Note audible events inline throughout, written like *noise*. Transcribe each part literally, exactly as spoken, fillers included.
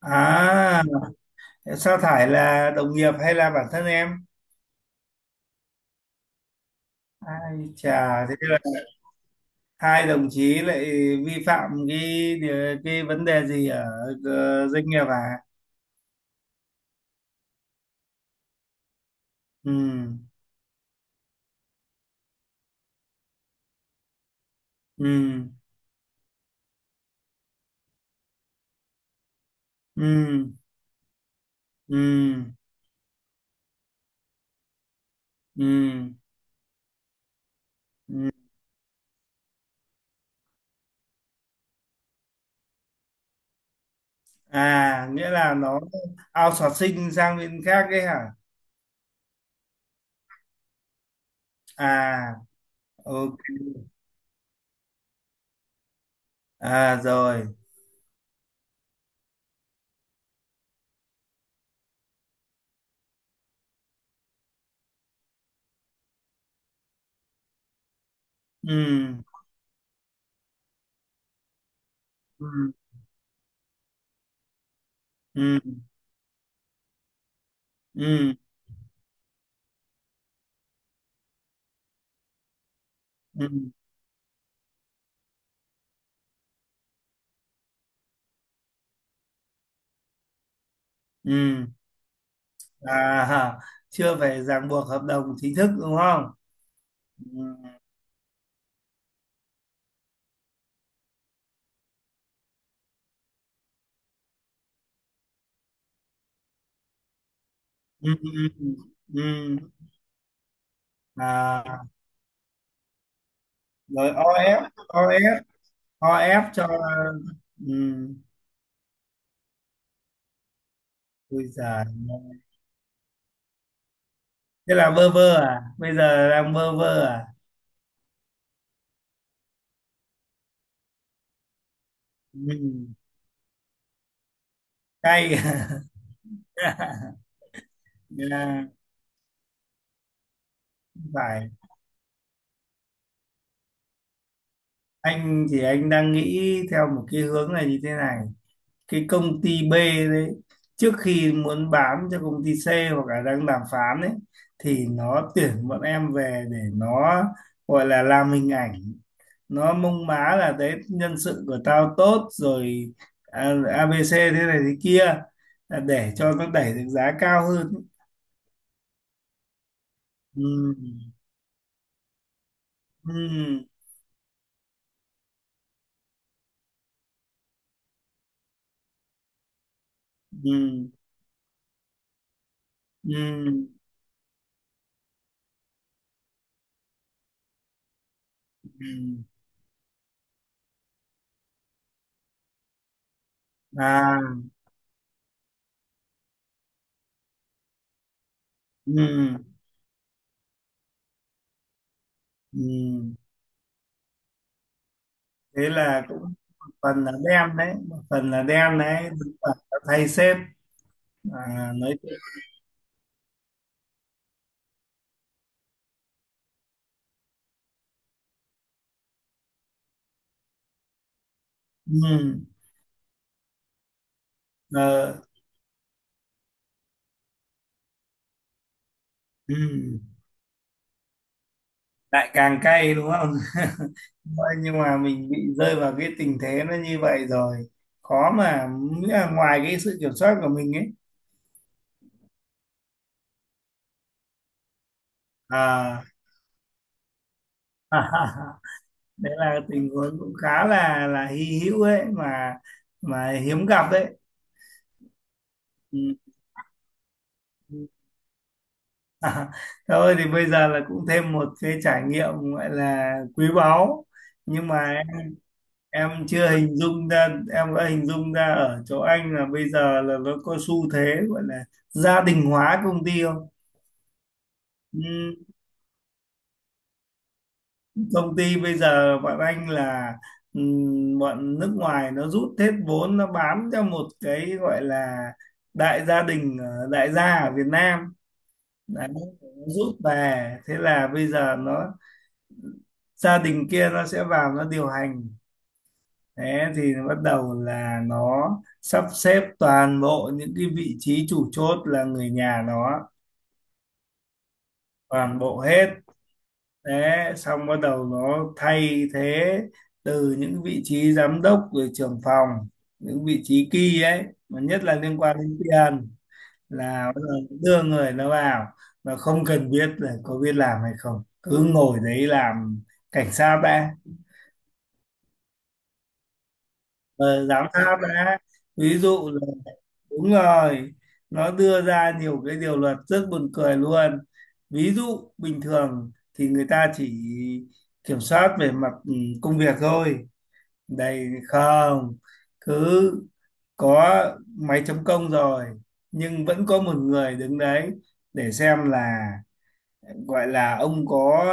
À, sa thải là đồng nghiệp hay là bản thân em? Ai chà, thế là hai đồng chí lại vi phạm cái điều- cái vấn đề gì ở ờ, doanh nghiệp à? Ừ, ừ, ừ, ừ, ừ, ừ. À, nghĩa là nó outsourcing sang bên khác đấy hả? À, ok. À, rồi. Ừ, ừ, ừ, ừ, ừ, ừ. À, chưa phải ràng buộc hợp đồng chính thức đúng không? Ừ, ừ, ừ, ừ. Ừ. À, rồi. ô ép, ô ép, ô ép cho. Ừ. Ui giời, thế là bơ vơ à, bây giờ đang bơ vơ à? Ừ. Cay. *laughs* Dạ, không phải. Anh thì anh đang nghĩ theo một cái hướng này như thế này: cái công ty B đấy, trước khi muốn bán cho công ty C hoặc là đang đàm phán ấy, thì nó tuyển bọn em về để nó gọi là làm hình ảnh, nó mông má là đấy, nhân sự của tao tốt rồi, à, a bê xê thế này thế kia, là để cho nó đẩy được giá cao hơn. Ừ. Ừ. Ừ. Ừ. Ừ. Ừ. À. Ừ. Ừ. Thế là cũng một phần là đen đấy, một phần là đen đấy, đúng là đã thay sếp. À, nói chuyện. ừ, ờ, ừ. Lại càng cay đúng không? *laughs* Thôi, nhưng mà mình bị rơi vào cái tình thế nó như vậy rồi, khó mà, nghĩa là ngoài cái sự kiểm soát của mình ấy. À. *laughs* Đấy là tình huống cũng khá là là hy hữu ấy mà mà hiếm gặp đấy. Ừ. *laughs* À, thôi thì bây giờ là cũng thêm một cái trải nghiệm gọi là quý báu, nhưng mà em chưa hình dung ra. Em đã hình dung ra ở chỗ anh là bây giờ là nó có xu thế gọi là gia đình hóa công ty không. Ừm, Công ty bây giờ bọn anh là, ừm, bọn nước ngoài nó rút hết vốn, nó bám cho một cái gọi là đại gia đình, ờ, đại gia ở Việt Nam. Đấy, nó rút về, thế là bây giờ nó, gia đình kia nó sẽ vào nó điều hành. Thế thì bắt đầu là nó sắp xếp toàn bộ những cái vị trí chủ chốt là người nhà nó, toàn bộ hết. Thế xong bắt đầu nó thay thế từ những vị trí giám đốc rồi trưởng phòng, những vị trí key ấy, mà nhất là liên quan đến tiền, là bắt đầu đưa người nó vào, và không cần biết là có biết làm hay không, cứ ngồi đấy làm, cảnh sát đã. Ờ, giám sát đã. Ví dụ là, đúng rồi, nó đưa ra nhiều cái điều luật rất buồn cười luôn. Ví dụ bình thường thì người ta chỉ kiểm soát về mặt ừ, công việc thôi, đây không, cứ có máy chấm công rồi nhưng vẫn có một người đứng đấy để xem là, gọi là ông có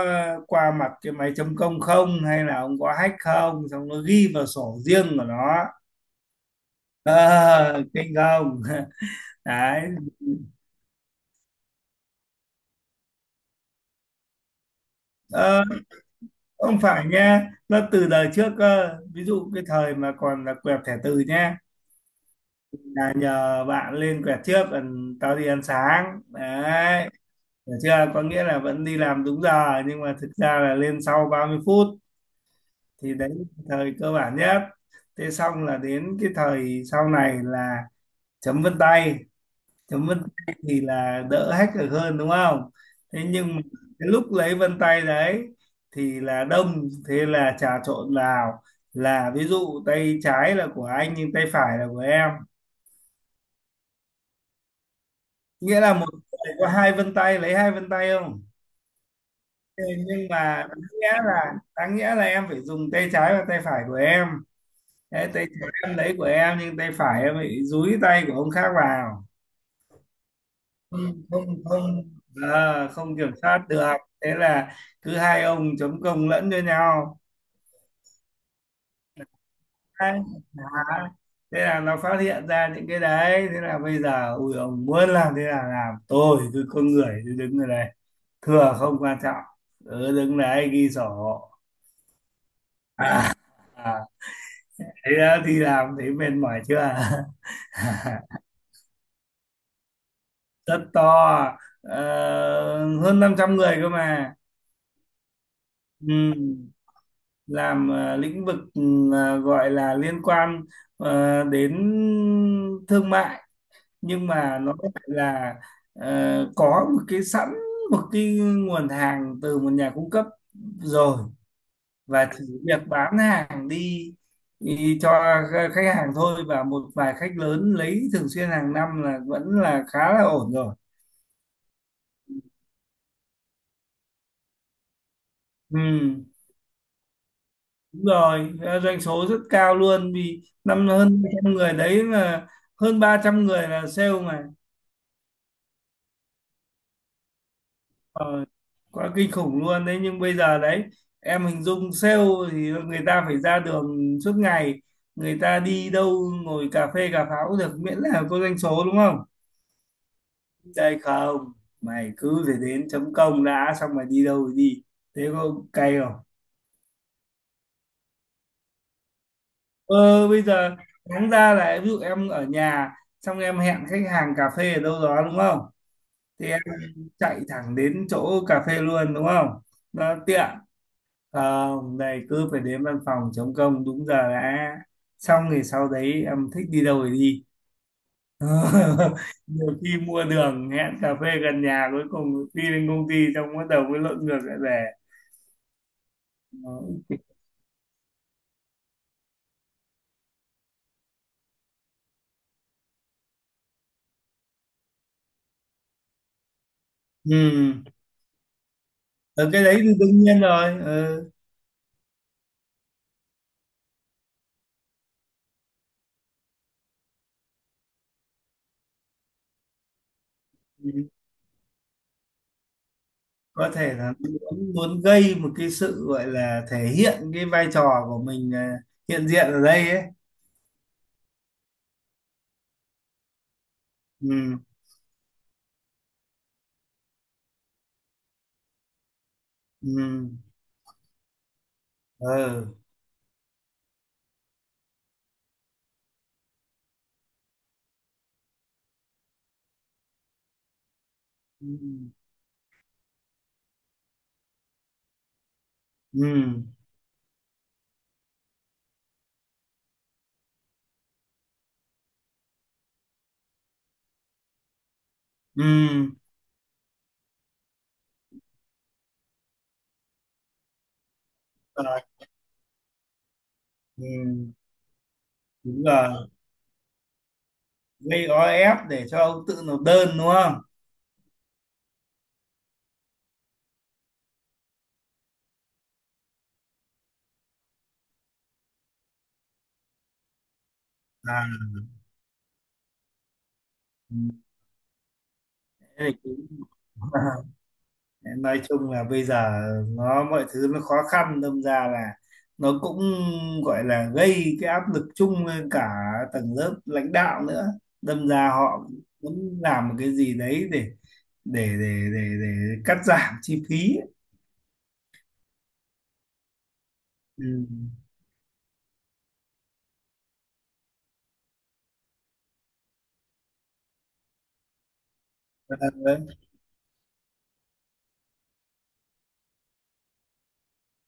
qua mặt cái máy chấm công không, hay là ông có hack không, xong nó ghi vào sổ riêng của nó. Ờ, kinh không? *laughs* Đấy. Ờ, không phải nha, nó từ đời trước cơ, ví dụ cái thời mà còn là quẹt thẻ từ nha, là nhờ bạn lên quẹt trước còn tao đi ăn sáng đấy, hiểu chưa, có nghĩa là vẫn đi làm đúng giờ nhưng mà thực ra là lên sau ba mươi phút. Thì đấy là thời cơ bản nhất. Thế xong là đến cái thời sau này là chấm vân tay. Chấm vân tay thì là đỡ hack được hơn đúng không. Thế nhưng mà cái lúc lấy vân tay đấy thì là đông, thế là trà trộn vào, là ví dụ tay trái là của anh nhưng tay phải là của em, nghĩa là một người có hai vân tay, lấy hai vân tay không. Thế nhưng mà đáng nghĩa là, đáng nghĩa là em phải dùng tay trái và tay phải của em. Thế tay trái em lấy của em nhưng tay phải em bị dúi tay của ông khác vào. Không không không À, không kiểm soát được. Thế là cứ hai ông chấm công lẫn cho nhau. Đấy. Đó. Thế là nó phát hiện ra những cái đấy, thế là bây giờ ui ông muốn làm thế là làm, tôi cứ, con người cứ đứng ở đây, thừa không quan trọng, cứ đứng đấy ghi sổ. À, à. Thế đó thì làm thấy mệt mỏi chưa? *laughs* Rất to. ờ, Hơn năm trăm người cơ mà. Ừ. Làm ờ, lĩnh vực, ừ, ờ, gọi là liên quan ờ, đến thương mại, nhưng mà nó lại là, ờ, có một cái sẵn, một cái nguồn hàng từ một nhà cung cấp rồi, và chỉ việc bán hàng đi, đi cho khách hàng thôi, và một vài khách lớn lấy thường xuyên hàng năm là vẫn là khá là ổn rồi. Ừ, đúng rồi. Ờ, doanh số rất cao luôn, vì năm hơn hai trăm người đấy là, hơn ba trăm người là sale. Ờ, quá kinh khủng luôn đấy. Nhưng bây giờ đấy, em hình dung sale thì người ta phải ra đường suốt ngày, người ta đi đâu ngồi cà phê cà pháo được miễn là có doanh số đúng không. Đây không, mày cứ phải đến chấm công đã, xong mày đi đâu thì đi. Thế có cay không? Ờ, bây giờ đáng ra là ví dụ em ở nhà, xong em hẹn khách hàng cà phê ở đâu đó đúng không, thì em chạy thẳng đến chỗ cà phê luôn đúng không, nó tiện. Không, đây cứ phải đến văn phòng chống công đúng giờ đã. Xong thì sau đấy em thích đi đâu thì đi. *laughs* Nhiều khi mua đường hẹn cà phê gần nhà, cuối cùng đi đến công ty xong bắt đầu mới lộn ngược lại về. Ừ. Ở cái đấy thì đương nhiên rồi. Ừ. Ừ. Có thể là muốn, muốn gây một cái sự gọi là thể hiện cái vai trò của mình, ờ, hiện diện ở đây ấy. Ừ. Ừ. Ừ. Ừ. Ừ. Ừ. Rồi. Ừ. Đúng là gây o ép để cho ông tự nộp đơn đúng không. À, thế thì cũng *laughs* nói chung là bây giờ nó mọi thứ nó khó khăn, đâm ra là nó cũng gọi là gây cái áp lực chung lên cả tầng lớp lãnh đạo nữa, đâm ra họ muốn làm một cái gì đấy để để để để, để cắt giảm chi phí ấy. Ừ. Đấy.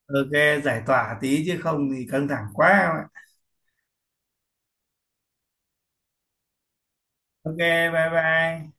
Ok, giải tỏa tí chứ không thì căng thẳng quá em ạ. Ok, bye bye.